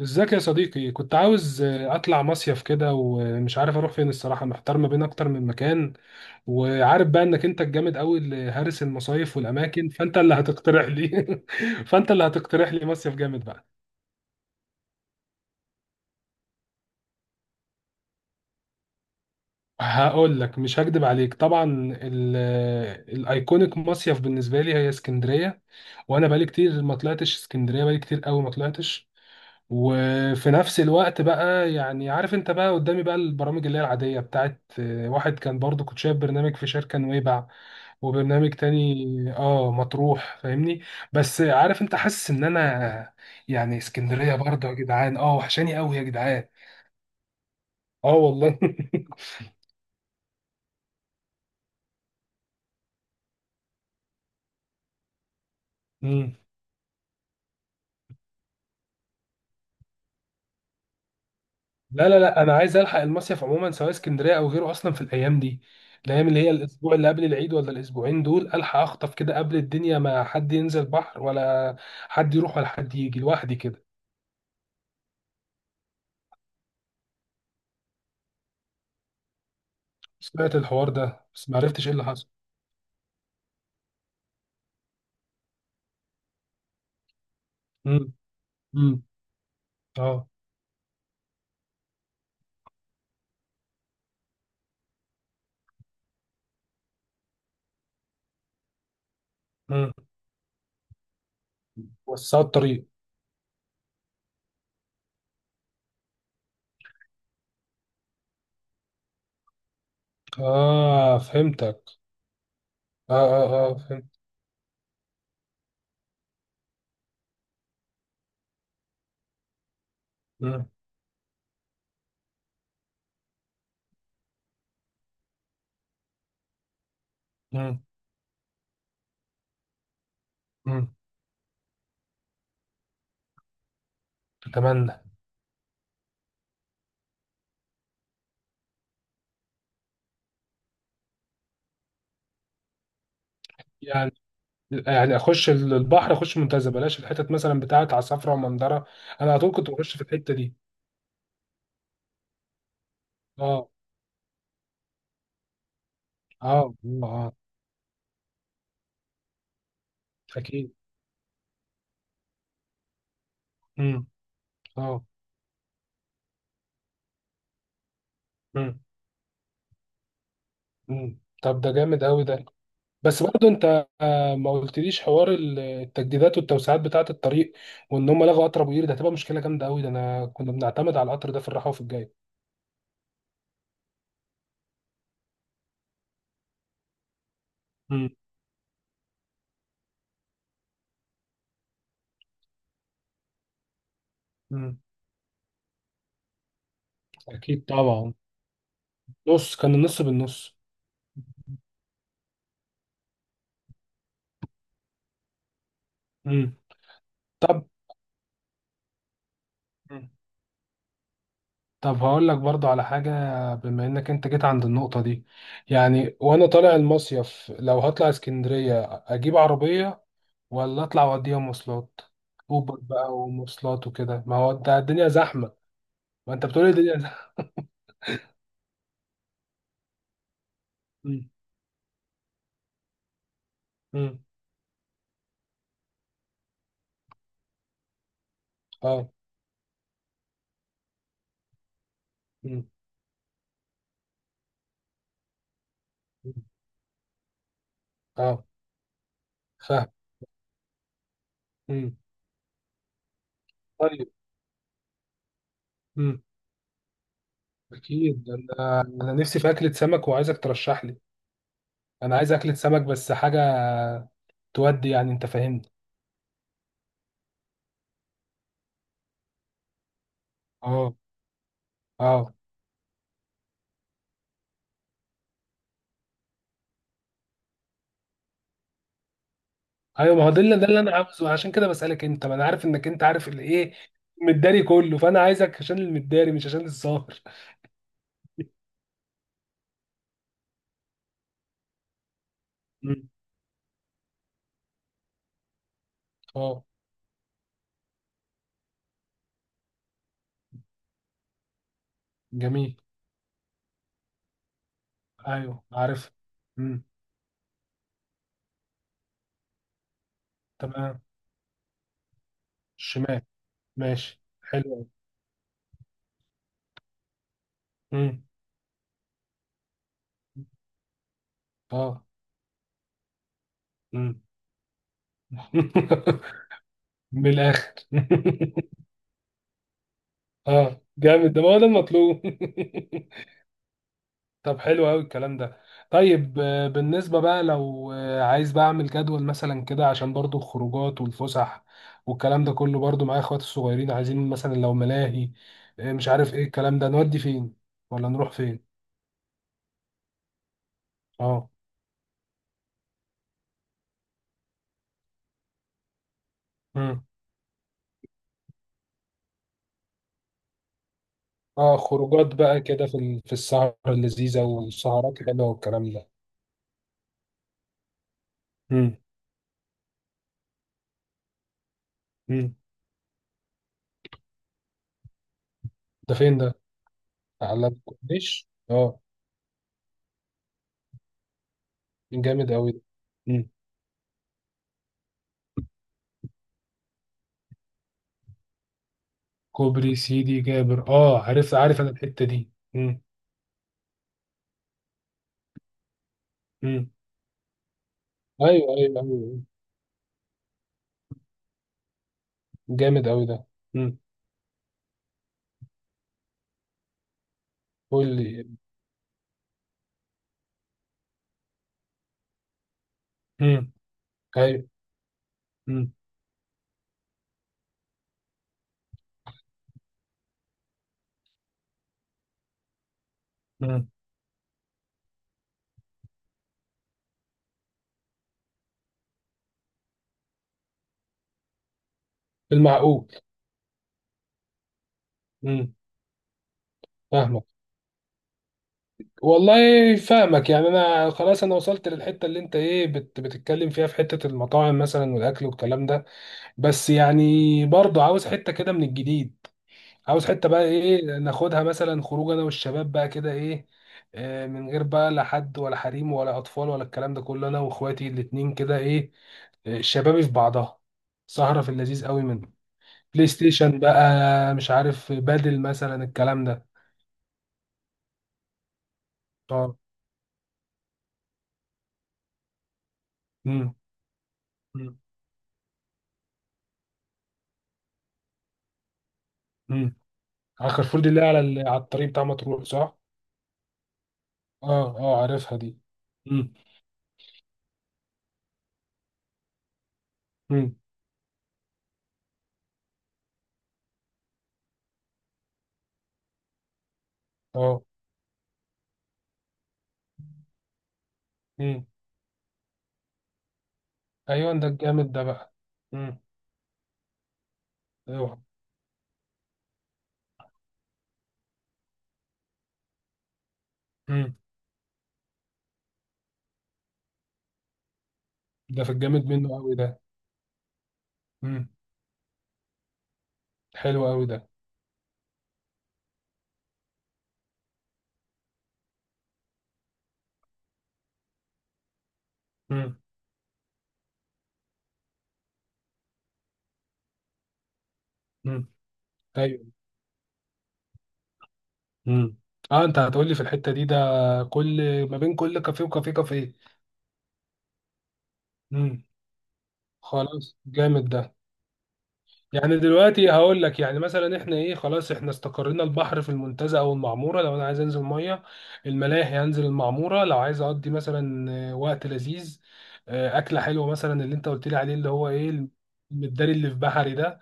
ازيك يا صديقي؟ كنت عاوز اطلع مصيف كده، ومش عارف اروح فين. الصراحه محتار ما بين اكتر من مكان. وعارف بقى انك انت الجامد قوي اللي هارس المصايف والاماكن، فانت اللي هتقترح لي فانت اللي هتقترح لي مصيف جامد بقى. هقول لك مش هكدب عليك طبعا. ال- الايكونيك مصيف بالنسبه لي هي اسكندريه. وانا بقالي كتير ما طلعتش اسكندريه، بقالي كتير قوي ما طلعتش. وفي نفس الوقت بقى يعني عارف انت بقى قدامي بقى البرامج اللي هي العادية بتاعت واحد، كان برضو كنت شايف برنامج في شركة نويبع، وبرنامج تاني اه مطروح، فاهمني؟ بس عارف انت حاسس ان انا يعني اسكندرية برضو يا جدعان، اه وحشاني قوي يا جدعان. اه والله. مم. لا لا لا، انا عايز الحق المصيف عموما سواء اسكندريه او غيره، اصلا في الايام دي، الايام اللي هي الاسبوع اللي قبل العيد ولا الاسبوعين دول، الحق اخطف كده قبل الدنيا ما حد ينزل بحر ولا حد يروح ولا حد يجي، لوحدي كده. سمعت الحوار ده بس ما عرفتش ايه اللي حصل. امم. امم. اه. امم. وسعوا الطريق. اه، فهمتك. اه اه اه، فهمت. امم. امم. امم. اتمنى. يعني يعني اخش البحر، اخش منتزه، بلاش الحتت مثلا بتاعت عصافره ومندره. انا على طول كنت بخش في الحته دي. اه. اه. اه. اكيد. امم. اه. امم. امم، طب ده جامد قوي ده. بس برضه انت ما قلتليش حوار التجديدات والتوسعات بتاعه الطريق، وان هم لغوا قطر ابو قير، ده هتبقى مشكله جامده قوي ده، انا كنا بنعتمد على القطر ده في الراحه وفي الجاي. مم. مم. أكيد طبعا. نص، كان النص بالنص. مم. طب. مم. طب هقول لك برضو على حاجة، بما انك انت جيت عند النقطة دي، يعني وانا طالع المصيف، لو هطلع اسكندرية اجيب عربية، ولا اطلع واوديها مواصلات؟ اوبر بقى ومواصلات وكده، ما هو انت الدنيا زحمه. ما انت بتقولي الدنيا زحمه. مم. مم. اه. مم. مم. اه، فاهم. مم. طيب. مم. اكيد، انا نفسي في اكله سمك، وعايزك ترشح لي. انا عايز اكله سمك بس حاجه تودي، يعني انت فاهمني. اه. اه، ايوه، ما هو ده اللي انا عاوزه، عشان كده بسالك، انت ما انا عارف انك انت عارف الايه المداري كله، فانا عايزك عشان المداري مش عشان الظاهر. مم. اه. جميل. ايوه عارف. امم. تمام. الشمال. ماشي حلو أوي. امم. اه. امم. من الاخر. اه جامد ده، ما هو ده المطلوب. طب حلو قوي الكلام ده. طيب بالنسبة بقى، لو عايز بقى اعمل جدول مثلا كده عشان برضو الخروجات والفسح والكلام ده كله، برضو معايا اخواتي الصغيرين، عايزين مثلا لو ملاهي مش عارف ايه الكلام ده، نودي فين ولا نروح فين. اه. اه، خروجات بقى كده في في السهرة اللذيذة والسهرات الحلوة والكلام ده. مم. مم. ده فين ده؟ على الكورنيش؟ اه. جامد أوي ده. مم. كوبري سيدي جابر، اه عارف عارف أنا الحتة دي. مم. مم. أيوه أيوه أيوه. جامد أوي ده. مم. قول لي. مم. أيوه. مم. مم. المعقول. مم. فاهمك. والله فاهمك يعني، أنا خلاص أنا وصلت للحتة اللي أنت إيه بتتكلم فيها، في حتة المطاعم مثلا والأكل والكلام ده. بس يعني برضه عاوز حتة كده من الجديد، عاوز حتة بقى ايه ناخدها مثلا خروج انا والشباب بقى كده ايه، من غير بقى لا حد ولا حريم ولا اطفال ولا الكلام ده كله، انا واخواتي الاتنين كده ايه، شبابي في بعضها، سهرة في اللذيذ قوي منه. بلاي ستيشن بقى، مش عارف بدل مثلا الكلام ده. اه. امم. امم. أمم. على كارفور دي اللي هي على على الطريق بتاع مطروح صح؟ اه اه عارفها دي. امم. امم. اه. امم. ايوه ده الجامد ده بقى. ايوه. امم. ده في الجامد منه قوي ده. امم. حلو قوي ده. امم. امم. ايوه. امم. اه، انت هتقول لي في الحته دي ده كل ما بين كل كافيه وكافيه كافيه. امم. خلاص جامد ده. يعني دلوقتي هقول لك، يعني مثلا احنا ايه، خلاص احنا استقرينا البحر في المنتزه او المعموره. لو انا عايز انزل ميه الملاهي، هنزل المعموره. لو عايز اقضي مثلا وقت لذيذ، اكله حلوه مثلا اللي انت قلت لي عليه اللي هو ايه، المداري اللي في بحري ده.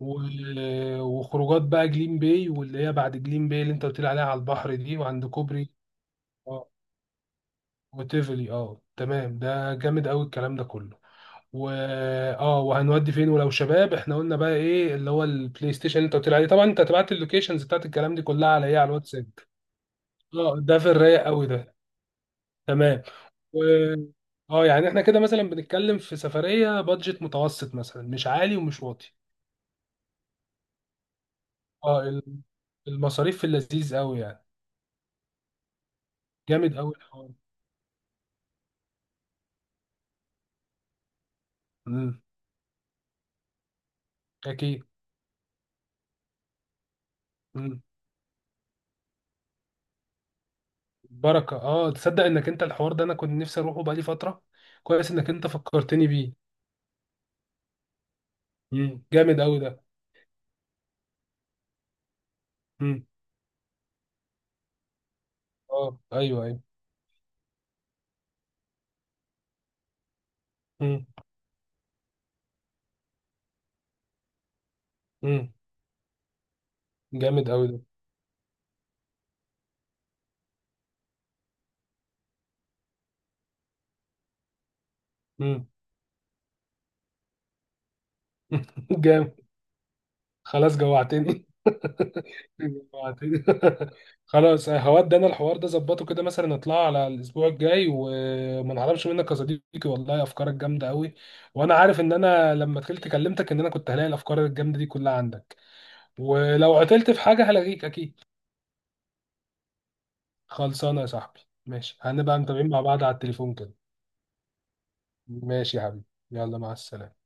و- وخروجات بقى جليم باي واللي هي بعد جليم باي اللي انت قلت لي عليها على البحر دي، وعند كوبري. اه. وتيفلي، اه تمام، ده جامد قوي الكلام ده كله. و اه وهنودي فين، ولو شباب احنا قلنا بقى ايه اللي هو البلاي ستيشن اللي انت قلت لي عليه. طبعا انت هتبعت لي اللوكيشنز بتاعت الكلام دي كلها على ايه، على الواتساب. اه ده في الرايق قوي ده. تمام. و اه يعني احنا كده مثلا بنتكلم في سفرية بادجت متوسط، مثلا مش عالي ومش واطي. اه. المصاريف في اللذيذ قوي يعني. جامد قوي. امم. اكيد. امم. بركه، اه تصدق انك انت الحوار ده انا كنت نفسي اروحه بقالي فتره؟ كويس انك انت فكرتني بيه. امم. جامد قوي ده. امم. اه ايوه ايوه. امم. امم. جامد قوي ده. امم. جامد. خلاص جوعتني. جوعتني. خلاص هودي انا الحوار ده، ظبطه كده مثلا نطلع على الاسبوع الجاي وما نعرفش منك يا صديقي. والله افكارك جامده قوي، وانا عارف ان انا لما دخلت كلمتك ان انا كنت هلاقي الافكار الجامده دي كلها عندك. ولو قتلت في حاجة هلاقيك أكيد. خلصانة يا صاحبي. ماشي، هنبقى متابعين مع بعض على التليفون كده. ماشي يا حبيبي. يلا مع السلامة.